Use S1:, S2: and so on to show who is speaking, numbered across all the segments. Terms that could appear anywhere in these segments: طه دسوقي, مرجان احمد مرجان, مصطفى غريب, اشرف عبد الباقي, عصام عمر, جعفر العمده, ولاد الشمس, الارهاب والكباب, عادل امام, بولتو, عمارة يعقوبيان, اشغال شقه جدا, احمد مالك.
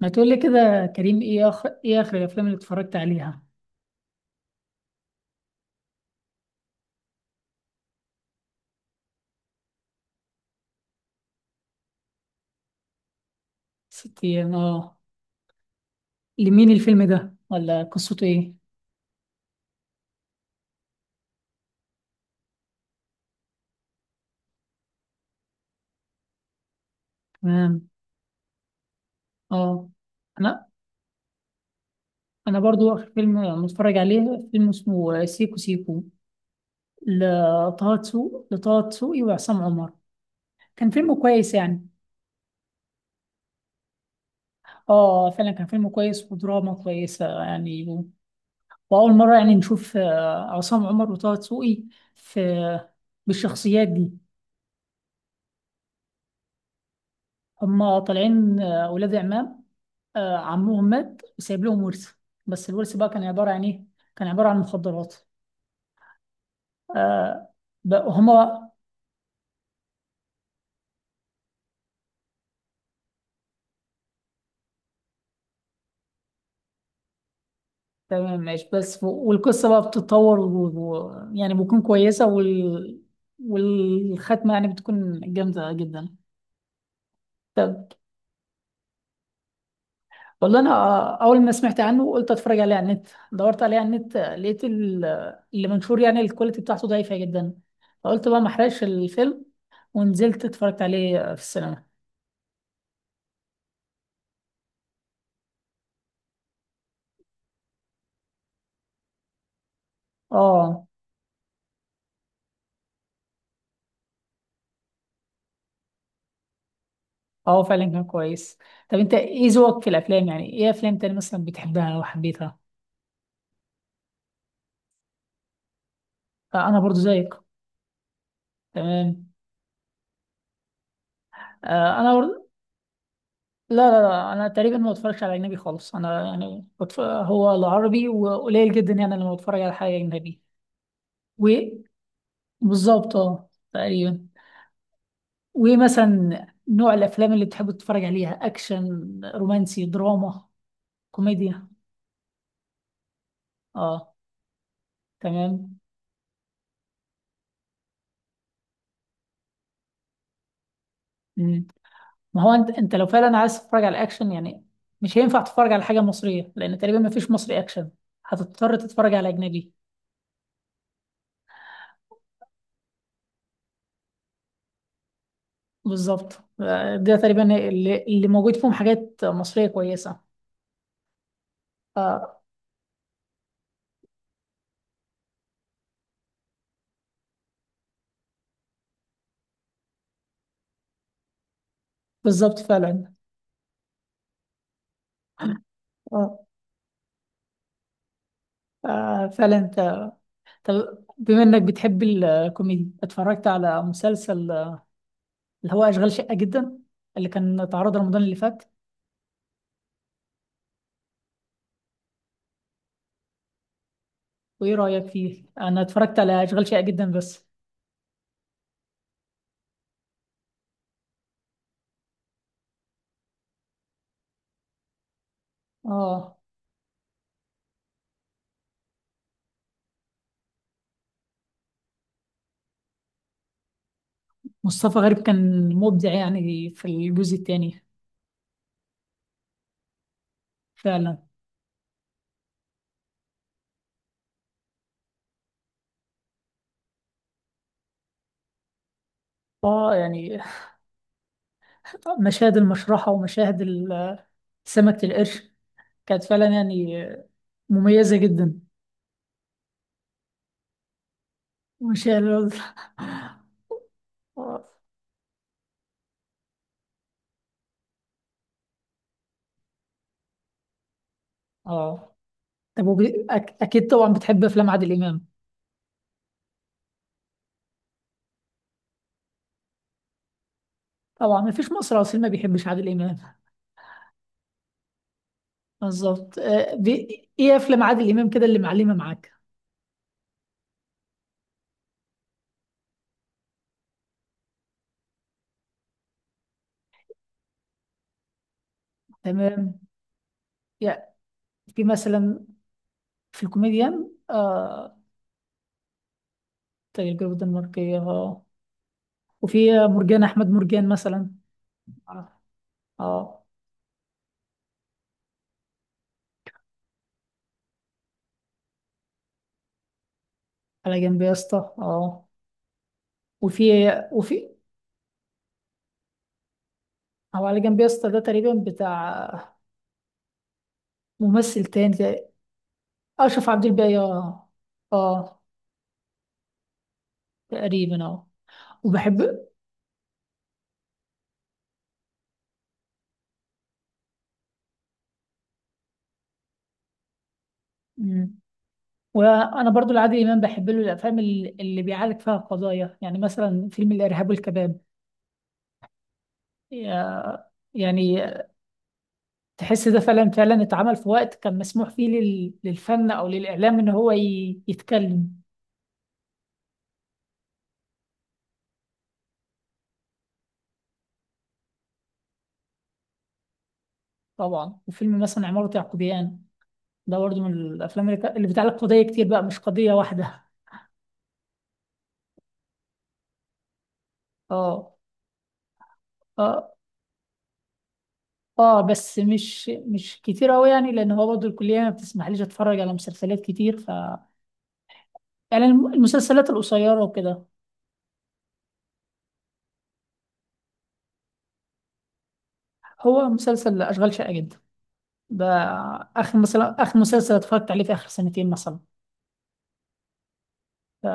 S1: ما تقول لي كده يا كريم، ايه اخر، ايه اخر الافلام اللي اتفرجت عليها؟ ست ايام، اه. لمين الفيلم ده، ولا قصته ايه؟ تمام. اه. انا، برضو اخر فيلم متفرج عليه فيلم اسمه سيكو سيكو لطه دسوقي، لطه دسوقي وعصام عمر. كان فيلم كويس يعني. اه فعلا كان فيلم كويس ودراما كويسة يعني واول مرة يعني نشوف عصام عمر وطه دسوقي في، بالشخصيات دي. هما طالعين ولاد عمام، عمهم مات وسايب لهم ورث، بس الورث بقى كان عبارة عن إيه؟ كان عبارة عن مخدرات. آه، بقى هما. تمام، ماشي، بس والقصة بقى بتتطور يعني بتكون كويسة والختمة يعني بتكون جامدة جدا. طب. والله أنا أول ما سمعت عنه قلت أتفرج عليه على النت. دورت عليه على النت، لقيت اللي منشور يعني الكواليتي بتاعته ضعيفة جدا، فقلت بقى ما أحرقش الفيلم، ونزلت اتفرجت عليه في السينما. اه. اه فعلا كان كويس. طب انت ايه ذوقك في الافلام؟ يعني ايه افلام تاني مثلا بتحبها او حبيتها؟ آه، انا برضو زيك. تمام. آه انا برضو. لا لا لا، انا تقريبا ما بتفرجش على اجنبي خالص، انا يعني هو العربي، وقليل جدا يعني لما بتفرج على حاجه اجنبي. وبالظبط اه، تقريبا. ومثلا نوع الافلام اللي بتحب تتفرج عليها، اكشن، رومانسي، دراما، كوميديا؟ اه. تمام. ما هو انت، لو فعلا عايز تتفرج على اكشن يعني، مش هينفع تتفرج على حاجه مصريه، لان تقريبا ما فيش مصري اكشن، هتضطر تتفرج على اجنبي. بالظبط. آه، ده تقريبا اللي موجود فيهم حاجات مصريه كويسه. آه. بالظبط فعلا. آه. آه فعلا انت. طب بما انك بتحب الكوميدي، اتفرجت على مسلسل اللي هو اشغال شقه جدا، اللي كان اتعرض رمضان اللي فات؟ وايه رايك فيه؟ انا اتفرجت على اشغال شقه جدا بس. اه. مصطفى غريب كان مبدع يعني في الجزء الثاني. فعلا. اه يعني مشاهد المشرحة ومشاهد سمكة القرش كانت فعلا يعني مميزة جدا. مشاهد ال- اه. طب وب... اكيد طبعا بتحب افلام عادل امام. طبعا، مفيش مصري اصيل ما بيحبش عادل امام. بالظبط. آه، ايه افلام عادل امام كده اللي معلمة معاك؟ تمام. يا، في مثلا، في الكوميديان تجربة الدنماركية، اه. وفي مرجان احمد مرجان مثلا. اه. آه. على جنب يا اسطى، اه. وفي، وفي، او على جنب يا اسطى ده تقريبا بتاع ممثل تاني اشرف عبد الباقي، اه. اه تقريبا، اه. وبحب. مم. وانا برضو العادل امام بحب له الافلام اللي بيعالج فيها قضايا، يعني مثلا فيلم الارهاب والكباب. يا- يعني تحس ده فعلا، فعلا اتعمل في وقت كان مسموح فيه للفن او للاعلام ان هو يتكلم. طبعا. وفيلم مثلا عمارة يعقوبيان، ده برضه من الافلام اللي بتعلق قضيه كتير بقى، مش قضيه واحده. اه. اه. اه بس مش، مش كتير قوي يعني، لان هو برضه الكليه ما بتسمحليش اتفرج على مسلسلات كتير، ف يعني المسلسلات القصيره وكده. هو مسلسل اشغال شاقه جدا ده اخر، مثلا اخر مسلسل اتفرجت عليه في اخر سنتين مثلا، ف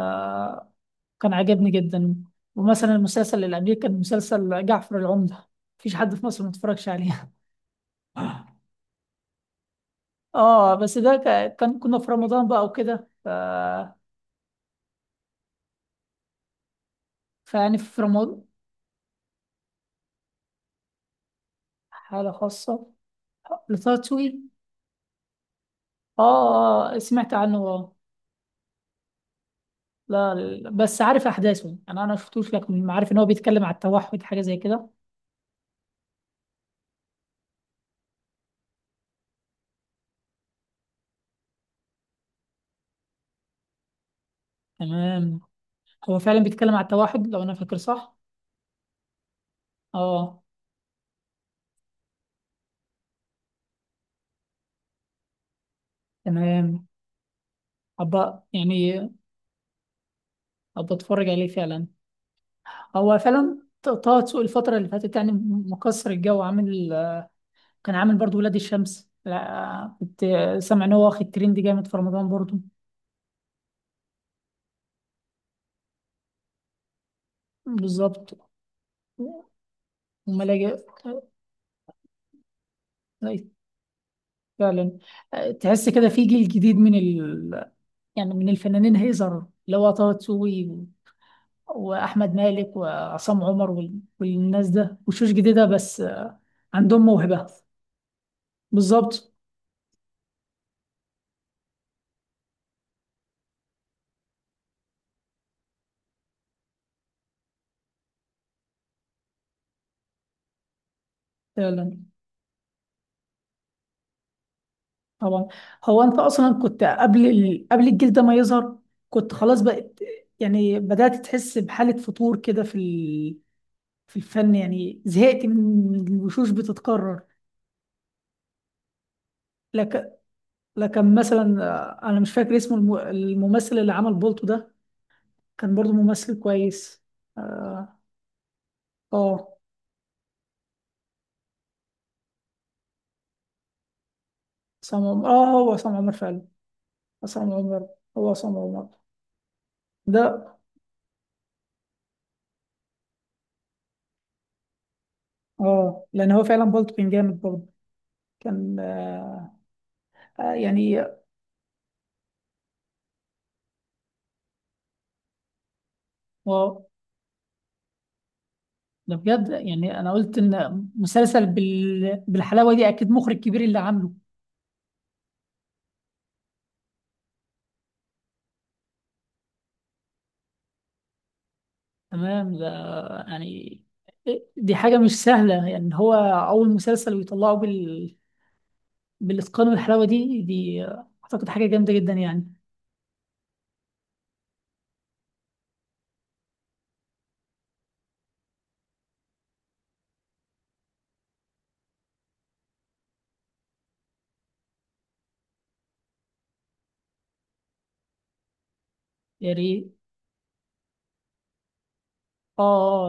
S1: كان عجبني جدا. ومثلا المسلسل اللي قبليه كان مسلسل جعفر العمده، مفيش حد في مصر ما اتفرجش عليه. اه بس ده كان كنا في رمضان بقى وكده فيعني في رمضان. حالة خاصة لطه دسوقي. اه، سمعت عنه اه. لا لا، بس عارف احداثه، انا شفتوش لكن عارف ان هو بيتكلم على التوحد حاجة زي كده. تمام. هو فعلا بيتكلم على التوحد لو انا فاكر صح. اه. تمام. ابقى يعني، ابقى اتفرج عليه فعلا. هو فعلا طه دسوقي الفترة اللي فاتت يعني مكسر الجو، عامل. كان عامل برضو ولاد الشمس، لا كنت سامع ان هو واخد ترند جامد في رمضان برضو. بالظبط. وملاجئ. أي، فعلا. تحس كده في جيل جديد من يعني من الفنانين هيظهر، اللي هو طه دسوقي واحمد مالك وعصام عمر والناس ده، وشوش جديده بس أه، عندهم موهبه. بالظبط. فعلا. طبعا. هو انت اصلا كنت قبل قبل الجيل ده ما يظهر، كنت خلاص بقت يعني بدأت تحس بحالة فتور كده في في الفن، يعني زهقت من الوشوش بتتكرر. لكن، لكن مثلا انا مش فاكر اسمه الممثل اللي عمل بولتو ده، كان برضو ممثل كويس. اه. اه. عصام عمر، اه. هو عصام عمر فعلا. عصام عمر. هو عصام عمر. ده اه، لان هو فعلا بولتو كان جامد برضه. كان آه. آه، يعني. اه. ده بجد يعني، انا قلت ان مسلسل بالحلاوه دي اكيد مخرج كبير اللي عامله. تمام ده يعني، دي حاجه مش سهله يعني، هو اول مسلسل ويطلعه بالاتقان والحلاوه دي، اعتقد حاجه جامده جدا يعني. يا ريت. اه،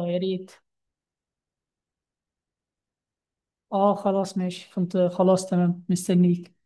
S1: يا ريت. اه خلاص ماشي، كنت خلاص تمام، مستنيك.